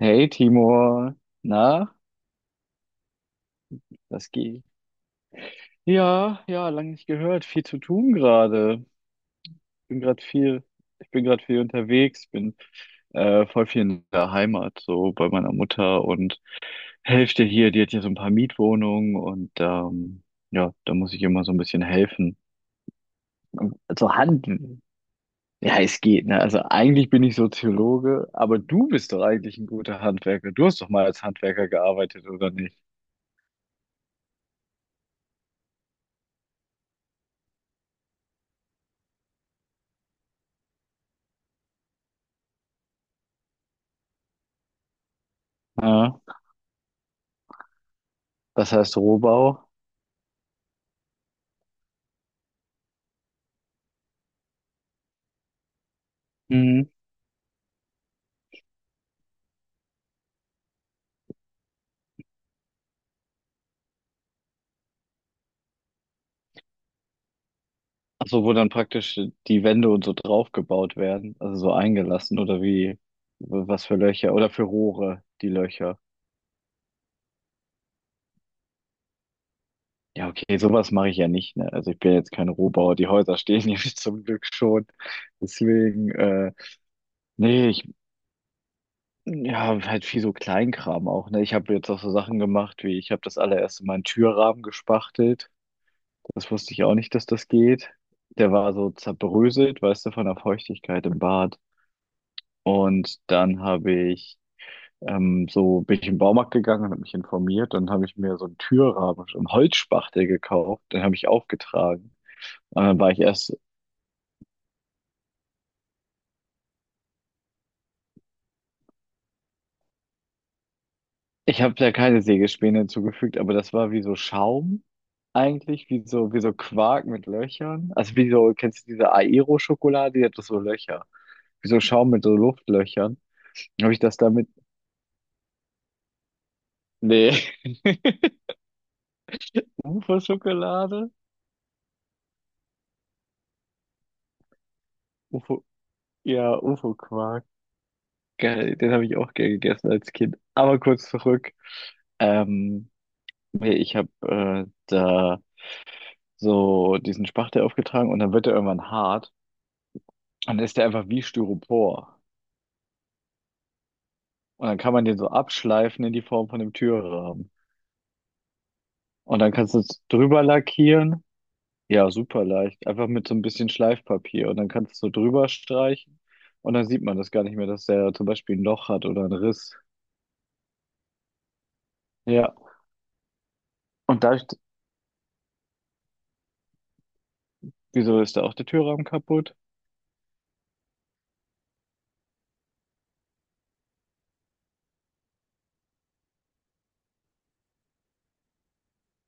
Hey Timur, na, was geht? Ja, ja, lange nicht gehört. Viel zu tun gerade. Bin gerade viel, Ich bin gerade viel unterwegs, bin voll viel in der Heimat, so bei meiner Mutter und Hälfte hier, die hat hier so ein paar Mietwohnungen und ja, da muss ich immer so ein bisschen helfen. Also Hand, ja, es geht, ne? Also eigentlich bin ich Soziologe, aber du bist doch eigentlich ein guter Handwerker. Du hast doch mal als Handwerker gearbeitet, oder nicht? Ja, das heißt Rohbau. Mhm. Also wo dann praktisch die Wände und so draufgebaut werden, also so eingelassen oder wie, was für Löcher oder für Rohre, die Löcher. Ja, okay, sowas mache ich ja nicht, ne? Also ich bin jetzt kein Rohbauer, die Häuser stehen hier zum Glück schon. Deswegen, nee, ja, halt viel so Kleinkram auch, ne? Ich habe jetzt auch so Sachen gemacht, wie ich habe das allererste Mal einen Türrahmen gespachtelt. Das wusste ich auch nicht, dass das geht. Der war so zerbröselt, weißt du, von der Feuchtigkeit im Bad. Und dann habe ich so bin ich in den Baumarkt gegangen und habe mich informiert. Dann habe ich mir so einen Türrahmen, so einen Holzspachtel gekauft. Den habe ich aufgetragen. Und dann war ich erst, Ich habe da keine Sägespäne hinzugefügt, aber das war wie so Schaum eigentlich, wie so Quark mit Löchern. Also wie so, kennst du diese Aero-Schokolade, die hat doch so Löcher. Wie so Schaum mit so Luftlöchern. Dann Habe ich das damit, Nee, UFO-Schokolade? UFO, ja, UFO-Quark. Geil, den habe ich auch gern gegessen als Kind. Aber kurz zurück. Ähm, Nee, ich habe da so diesen Spachtel aufgetragen und dann wird er irgendwann hart und dann ist der einfach wie Styropor. Und dann kann man den so abschleifen in die Form von einem Türrahmen. Und dann kannst du es drüber lackieren. Ja, super leicht. Einfach mit so ein bisschen Schleifpapier. Und dann kannst du es so drüber streichen. Und dann sieht man das gar nicht mehr, dass der zum Beispiel ein Loch hat oder einen Riss. Ja. Und da, wieso ist da auch der Türrahmen kaputt?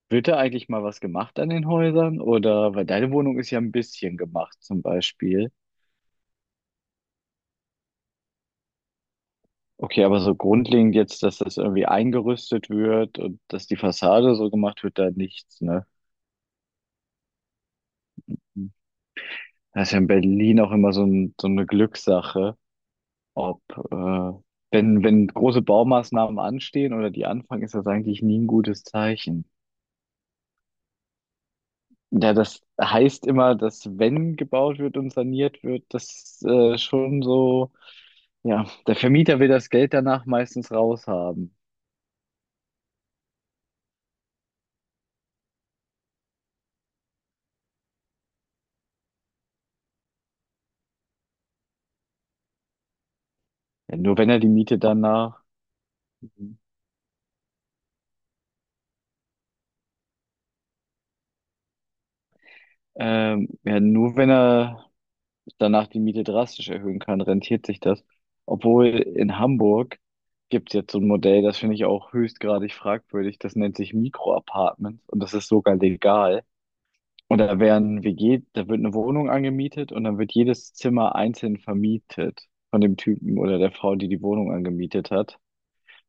Wird da eigentlich mal was gemacht an den Häusern? Oder, weil deine Wohnung ist ja ein bisschen gemacht zum Beispiel. Okay, aber so grundlegend jetzt, dass das irgendwie eingerüstet wird und dass die Fassade so gemacht wird, da nichts, ne? Das ist ja in Berlin auch immer so, so eine Glückssache, ob, äh, wenn, wenn große Baumaßnahmen anstehen oder die anfangen, ist das eigentlich nie ein gutes Zeichen. Ja, das heißt immer, dass wenn gebaut wird und saniert wird, ja, der Vermieter will das Geld danach meistens raushaben. Ja, nur wenn er die Miete danach, ja, nur wenn er danach die Miete drastisch erhöhen kann, rentiert sich das. Obwohl in Hamburg gibt es jetzt so ein Modell, das finde ich auch höchstgradig fragwürdig, das nennt sich Mikroapartments und das ist sogar legal. Und da werden WG, da wird eine Wohnung angemietet und dann wird jedes Zimmer einzeln vermietet von dem Typen oder der Frau, die die Wohnung angemietet hat.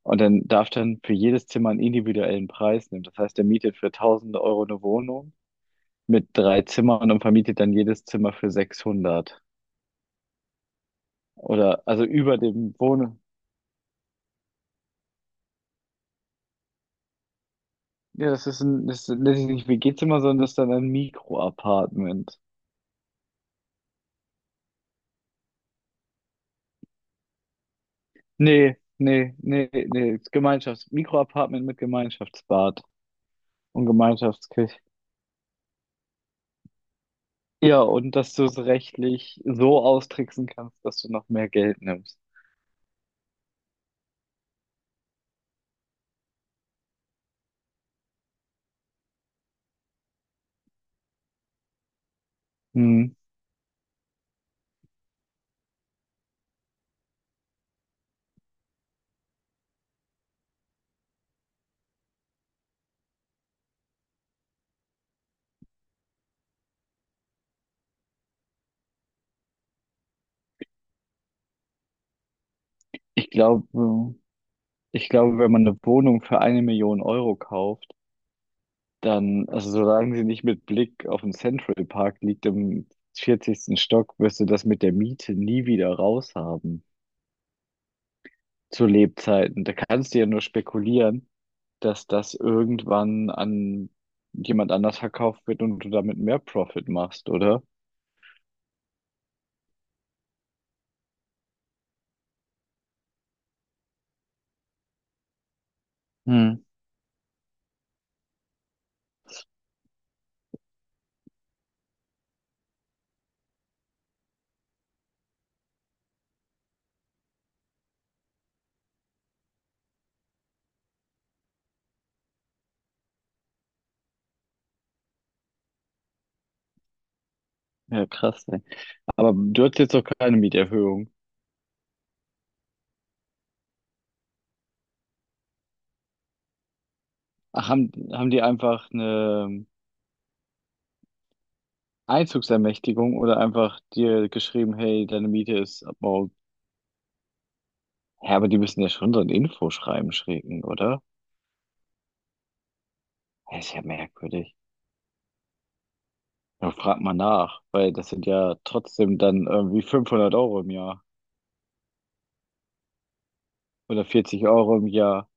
Und dann darf dann für jedes Zimmer einen individuellen Preis nehmen. Das heißt, er mietet für tausende Euro eine Wohnung mit drei Zimmern und vermietet dann jedes Zimmer für sechshundert. Oder, also über dem Wohnen. Ja, das nennt sich nicht WG-Zimmer, sondern das ist dann ein Mikroapartment. Nee, nee, nee, nee, Gemeinschafts-, Mikroapartment mit Gemeinschaftsbad und Gemeinschaftsküche. Ja, und dass du es rechtlich so austricksen kannst, dass du noch mehr Geld nimmst. Hm. Ich glaube, Ich glaube, wenn man eine Wohnung für eine Million Euro kauft, dann, also solange sie nicht mit Blick auf den Central Park liegt im vierzigsten Stock, wirst du das mit der Miete nie wieder raushaben zu Lebzeiten. Da kannst du ja nur spekulieren, dass das irgendwann an jemand anders verkauft wird und du damit mehr Profit machst, oder? Hm. Ja, krass, aber du hattest jetzt doch keine Mieterhöhung. Ach, haben die einfach eine Einzugsermächtigung oder einfach dir geschrieben, hey, deine Miete ist ab morgen. Ja, aber die müssen ja schon so ein Infoschreiben schicken, oder? Das ist ja merkwürdig. Ja, frag mal nach, weil das sind ja trotzdem dann irgendwie 500 Euro im Jahr oder 40 Euro im Jahr.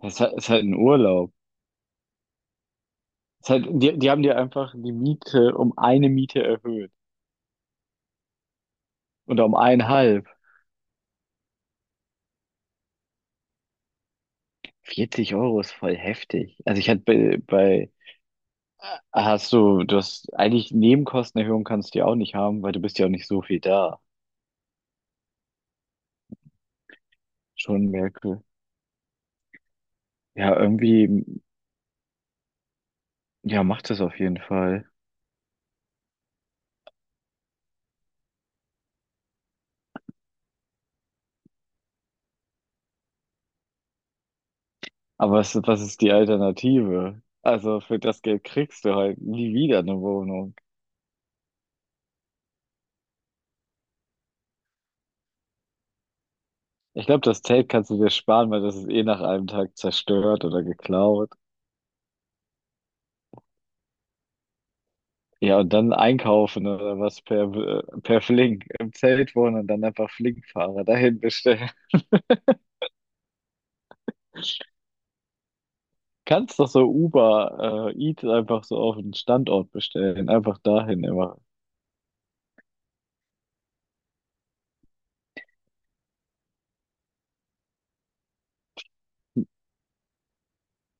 Das ist halt ein Urlaub. Ist halt, die haben dir einfach die Miete um eine Miete erhöht oder um eineinhalb. Vierzig Euro ist voll heftig. Also ich hatte bei. Hast du, du hast eigentlich Nebenkostenerhöhung kannst du ja auch nicht haben, weil du bist ja auch nicht so viel da. Schon Merkel. Ja, irgendwie, ja, macht das auf jeden Fall. Aber was, was ist die Alternative? Also für das Geld kriegst du halt nie wieder eine Wohnung. Ich glaube, das Zelt kannst du dir sparen, weil das ist eh nach einem Tag zerstört oder geklaut. Ja, und dann einkaufen oder was per Flink. Im Zelt wohnen und dann einfach Flinkfahrer dahin bestellen. Kannst doch so Uber Eats einfach so auf den Standort bestellen. Einfach dahin immer.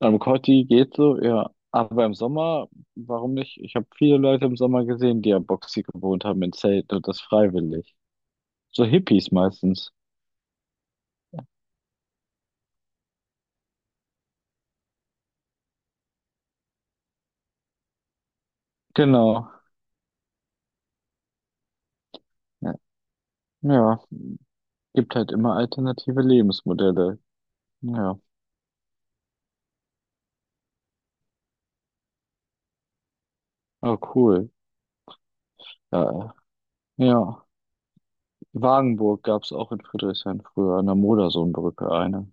Am Kotti geht so, ja. Aber im Sommer, warum nicht? Ich habe viele Leute im Sommer gesehen, die am Boxi gewohnt haben in Zelten und das freiwillig. So Hippies meistens. Genau. Ja. Ja. Gibt halt immer alternative Lebensmodelle. Ja. Oh, cool. Ja. Ja. Wagenburg gab es auch in Friedrichshain früher, an der Modersohnbrücke eine.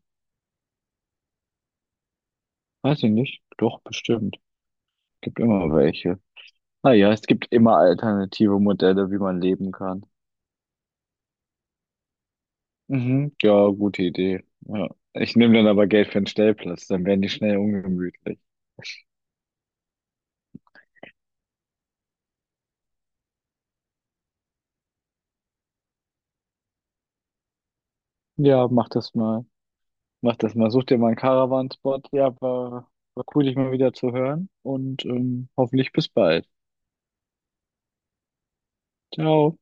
Weiß ich nicht. Doch, bestimmt. Gibt immer welche. Naja, es gibt immer alternative Modelle, wie man leben kann. Mhm, ja, gute Idee. Ja. Ich nehme dann aber Geld für einen Stellplatz, dann werden die schnell ungemütlich. Ja, mach das mal. Mach das mal. Such dir mal einen Caravan-Spot. Ja, war cool, dich mal wieder zu hören und hoffentlich bis bald. Ciao.